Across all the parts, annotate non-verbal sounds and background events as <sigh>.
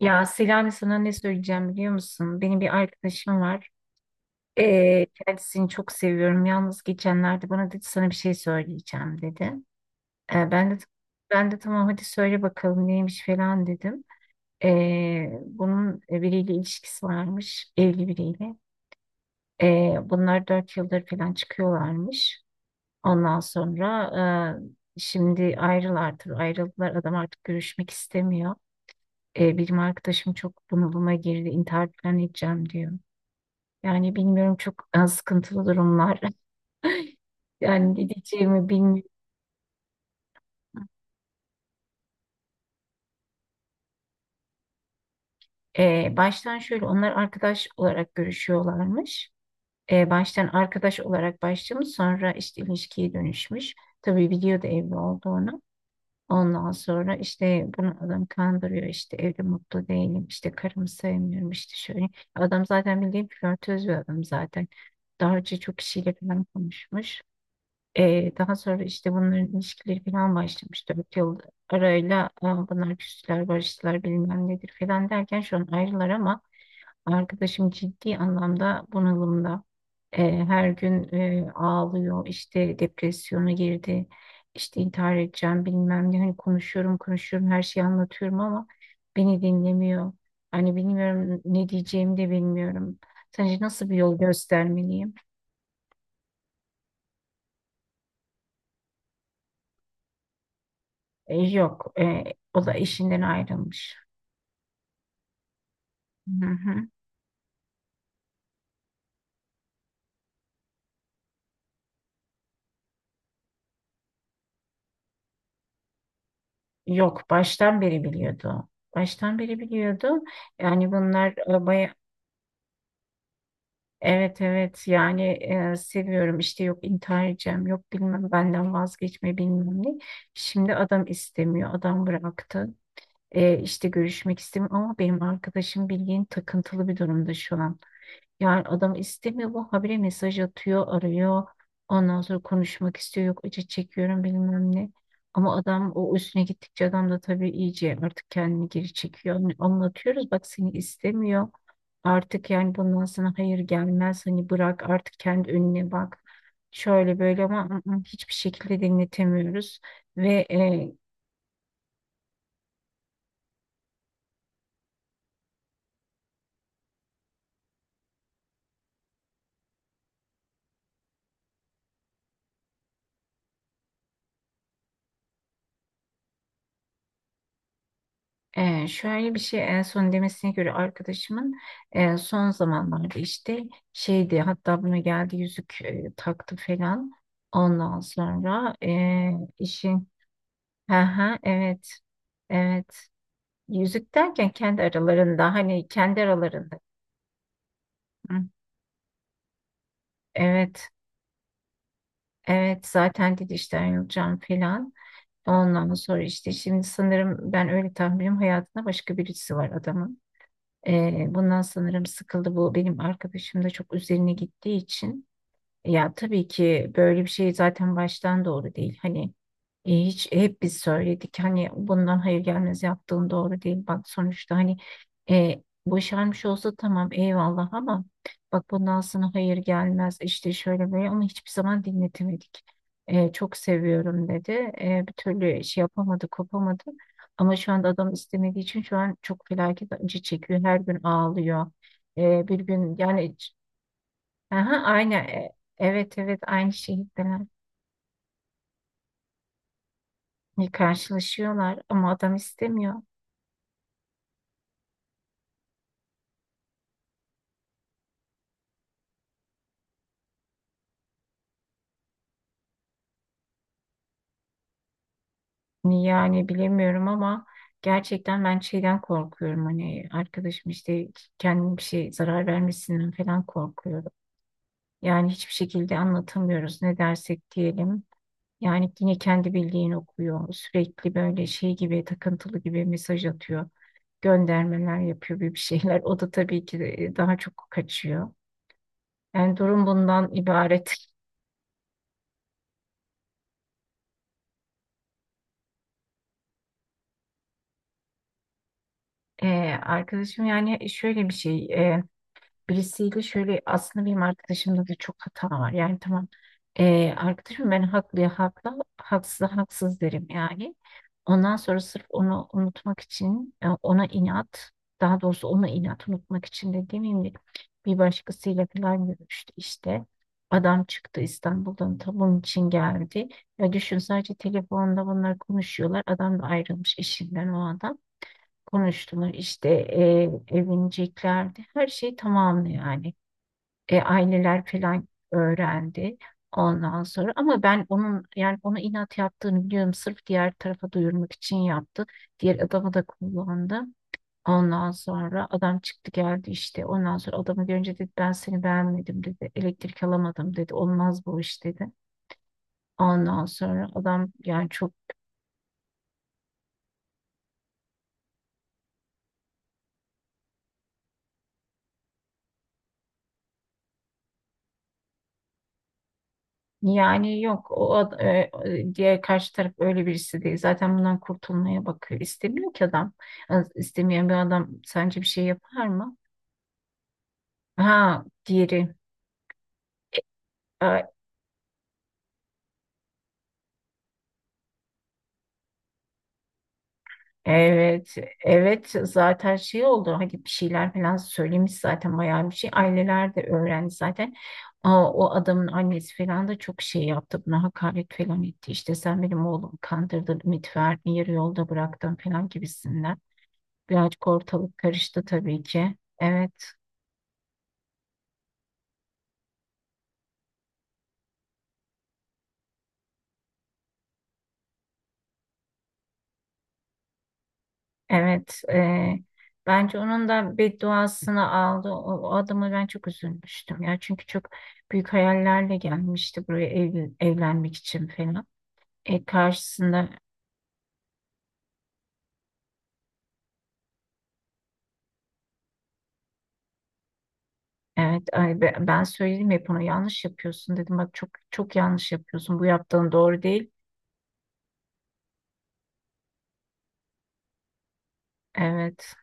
Ya Selami, sana ne söyleyeceğim biliyor musun? Benim bir arkadaşım var. Kendisini çok seviyorum. Yalnız geçenlerde bana dedi sana bir şey söyleyeceğim dedi. Ee, ben de ben de tamam hadi söyle bakalım neymiş falan dedim. Bunun biriyle ilişkisi varmış. Evli biriyle. Bunlar 4 yıldır falan çıkıyorlarmış. Ondan sonra şimdi ayrılardır. Ayrıldılar. Adam artık görüşmek istemiyor. Benim arkadaşım çok bunalıma girdi, intihar falan edeceğim diyor. Yani bilmiyorum, çok sıkıntılı durumlar. <laughs> Yani ne diyeceğimi bilmiyorum. Baştan şöyle, onlar arkadaş olarak görüşüyorlarmış. Baştan arkadaş olarak başlamış, sonra işte ilişkiye dönüşmüş. Tabii biliyordu evli olduğunu. Ondan sonra işte bunu adam kandırıyor, işte evde mutlu değilim, işte karımı sevmiyorum, işte şöyle. Adam zaten bildiğin flörtöz bir adam zaten. Daha önce çok kişiyle falan konuşmuş. Daha sonra işte bunların ilişkileri falan başlamış. 4 yıl arayla, aa, bunlar küstüler, barıştılar, bilmem nedir falan derken şu an ayrılar, ama arkadaşım ciddi anlamda bunalımda. Ee, Her gün ağlıyor, işte depresyona girdi, işte intihar edeceğim, bilmem ne. Hani konuşuyorum, konuşuyorum, her şeyi anlatıyorum ama beni dinlemiyor. Hani bilmiyorum, ne diyeceğimi de bilmiyorum. Sence nasıl bir yol göstermeliyim? Yok, o da eşinden ayrılmış. Hı hı. Yok, baştan beri biliyordu. Baştan beri biliyordu. Yani bunlar baya, evet, evet, yani, seviyorum işte, yok intihar edeceğim, yok bilmem benden vazgeçme, bilmem ne. Şimdi adam istemiyor, adam bıraktı. İşte görüşmek istemiyor ama benim arkadaşım bildiğin takıntılı bir durumda şu an. Yani adam istemiyor, bu habire mesaj atıyor, arıyor. Ondan sonra konuşmak istiyor. Yok, acı çekiyorum, bilmem ne. Ama adam, o üstüne gittikçe adam da tabii iyice artık kendini geri çekiyor. Hani anlatıyoruz, bak, seni istemiyor. Artık yani bundan sana hayır gelmez. Hani bırak artık, kendi önüne bak. Şöyle böyle ama hiçbir şekilde dinletemiyoruz. Ve şöyle bir şey, en son demesine göre arkadaşımın, son zamanlarda işte, şeydi, hatta buna geldi, yüzük taktı falan. Ondan sonra, işin, ha, evet, evet, yüzük derken kendi aralarında, hani kendi aralarında. Hı, evet, evet, zaten dedi işte ayrılacağım falan. Ondan sonra işte, şimdi sanırım, ben öyle tahminim, hayatında başka birisi var adamın. Bundan sanırım sıkıldı. Bu benim arkadaşım da çok üzerine gittiği için. Ya tabii ki böyle bir şey zaten baştan doğru değil. Hani hiç, hep biz söyledik, hani bundan hayır gelmez, yaptığın doğru değil. Bak sonuçta, hani boşanmış olsa tamam, eyvallah, ama bak bundan sana hayır gelmez, işte şöyle böyle, onu hiçbir zaman dinletemedik. Çok seviyorum dedi. Bir türlü şey yapamadı, kopamadı. Ama şu anda adam istemediği için şu an çok felaket acı çekiyor. Her gün ağlıyor. Bir gün yani... Aha, aynı. Evet, evet, aynı şehirdeler. Karşılaşıyorlar ama adam istemiyor. Niye yani bilemiyorum ama gerçekten ben şeyden korkuyorum. Hani arkadaşım işte kendine bir şey zarar vermesinden falan korkuyorum. Yani hiçbir şekilde anlatamıyoruz, ne dersek diyelim. Yani yine kendi bildiğini okuyor. Sürekli böyle şey gibi, takıntılı gibi mesaj atıyor. Göndermeler yapıyor, bir şeyler. O da tabii ki de, daha çok kaçıyor. Yani durum bundan ibaret. Arkadaşım yani, şöyle bir şey, birisiyle şöyle, aslında benim arkadaşımda da çok hata var yani, tamam, arkadaşım, ben haklıya haklı, haksız haksız derim yani. Ondan sonra sırf onu unutmak için, ona inat, daha doğrusu ona inat unutmak için de demeyeyim de, bir başkasıyla falan görüştü işte. Adam çıktı İstanbul'dan, ta bunun için geldi. Ya düşün, sadece telefonda bunlar konuşuyorlar. Adam da ayrılmış eşinden, o adam konuştunuz işte, evleneceklerdi. Her şey tamamdı yani. Aileler falan öğrendi ondan sonra, ama ben onun, yani onu inat yaptığını biliyorum. Sırf diğer tarafa duyurmak için yaptı. Diğer adamı da kullandı. Ondan sonra adam çıktı geldi işte. Ondan sonra adamı görünce dedi ben seni beğenmedim dedi. Elektrik alamadım dedi. Olmaz bu iş dedi. Ondan sonra adam yani çok... Yani yok, o ad- e, e, diğer karşı taraf öyle birisi değil. Zaten bundan kurtulmaya bakıyor. İstemiyor ki adam. İstemeyen bir adam sence bir şey yapar mı? Ha, diğeri. E, Evet, evet, zaten şey oldu. Hani bir şeyler falan söylemiş zaten, bayağı bir şey. Aileler de öğrendi zaten. Aa, o adamın annesi falan da çok şey yaptı. Buna hakaret falan etti. İşte sen benim oğlumu kandırdın, ümit verdin, yarı yolda bıraktın falan gibisinden. Birazcık ortalık karıştı tabii ki. Evet, evet. Bence onun da bedduasını aldı. O adama ben çok üzülmüştüm ya. Çünkü çok büyük hayallerle gelmişti buraya, evlenmek için falan. Karşısında... Evet, ben söyledim hep ona yanlış yapıyorsun dedim. Bak çok çok yanlış yapıyorsun. Bu yaptığın doğru değil. Evet.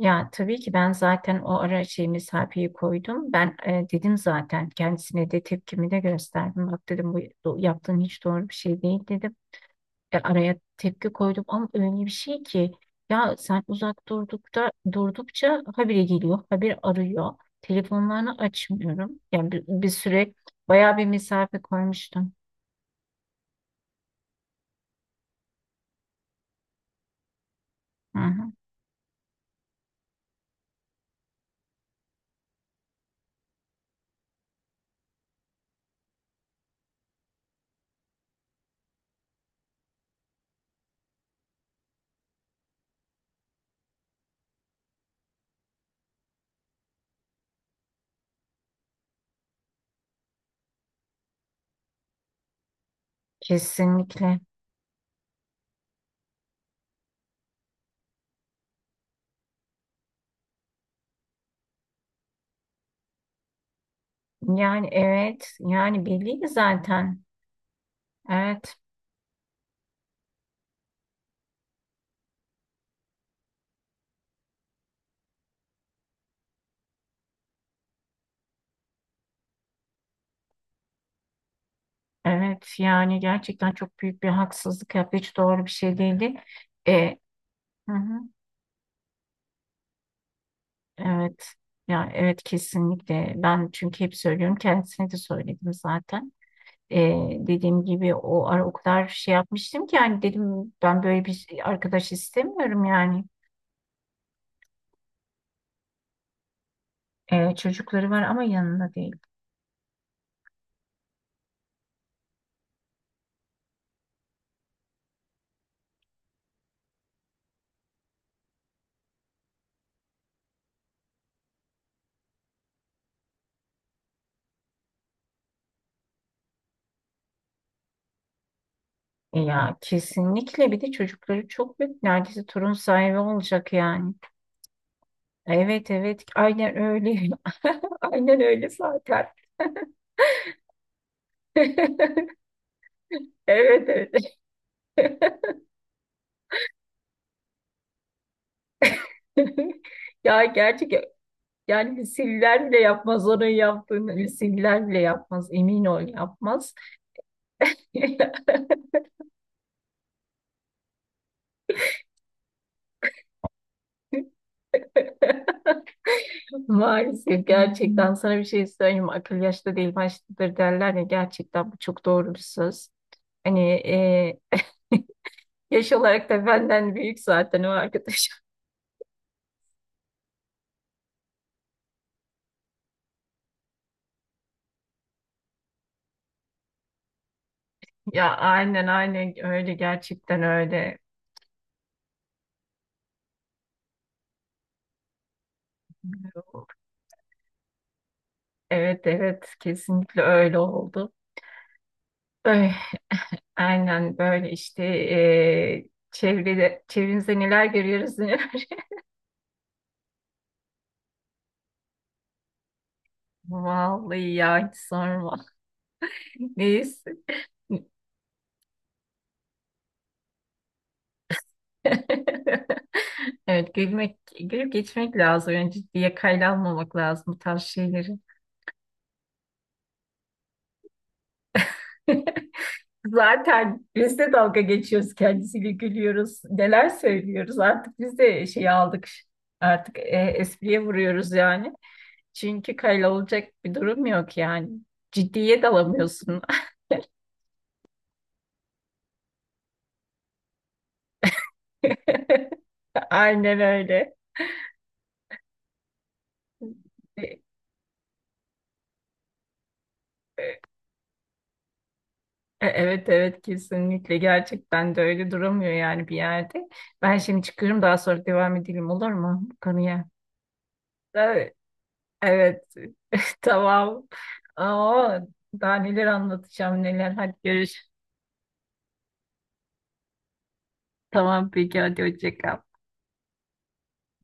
Ya tabii ki ben zaten o ara şey mesafeyi koydum. Ben, dedim zaten, kendisine de tepkimi de gösterdim. Bak dedim, bu yaptığın hiç doğru bir şey değil dedim. Araya tepki koydum ama öyle bir şey ki, ya sen uzak durdukta durdukça habire geliyor, habire arıyor. Telefonlarını açmıyorum. Yani bir, bir süre bayağı bir mesafe koymuştum. Hı hı, kesinlikle. Yani evet, yani belli zaten. Evet. Evet yani gerçekten çok büyük bir haksızlık yaptı. Hiç doğru bir şey değildi. E, hı hı, evet. Ya evet, kesinlikle. Ben çünkü hep söylüyorum. Kendisine de söyledim zaten. E, Dediğim gibi o ara o kadar şey yapmıştım ki, yani dedim ben böyle bir şey, arkadaş istemiyorum yani. Çocukları var ama yanında değil. Ya kesinlikle, bir de çocukları çok büyük. Neredeyse torun sahibi olacak yani. Evet, evet, aynen öyle. <laughs> Aynen öyle zaten. <laughs> <laughs> Evet, evet. <laughs> Ya gerçek, yani misiller bile yapmaz onun yaptığını, misiller bile yapmaz, emin ol yapmaz. <laughs> Maalesef, gerçekten sana bir şey söyleyeyim mi? Akıl yaşta değil baştadır derler ya, gerçekten bu çok doğru bir söz. Hani e, yaş olarak da benden büyük zaten o arkadaş. <laughs> Ya aynen, aynen öyle, gerçekten öyle. Evet, evet, kesinlikle öyle oldu. Öyle. Aynen böyle işte, çevrede, çevrenizde neler görüyoruz, neler. <laughs> Vallahi ya, hiç sorma. Neyse. <laughs> Evet, gülmek, gülüp geçmek lazım. Yani ciddiye, kayda almamak lazım bu tarz şeyleri. <laughs> Zaten biz de dalga geçiyoruz kendisiyle, gülüyoruz. Neler söylüyoruz, artık biz de şey aldık. Artık espriye vuruyoruz yani. Çünkü kayda olacak bir durum yok yani. Ciddiye dalamıyorsun. <laughs> Aynen öyle. E- e- Evet, evet, kesinlikle, gerçekten de öyle duramıyor yani bir yerde. Ben şimdi çıkıyorum, daha sonra devam edelim olur mu bu konuya? Evet, evet. <laughs> Tamam. Aa, daha neler anlatacağım, neler. Hadi görüş. Tamam peki, hadi hoşça kal.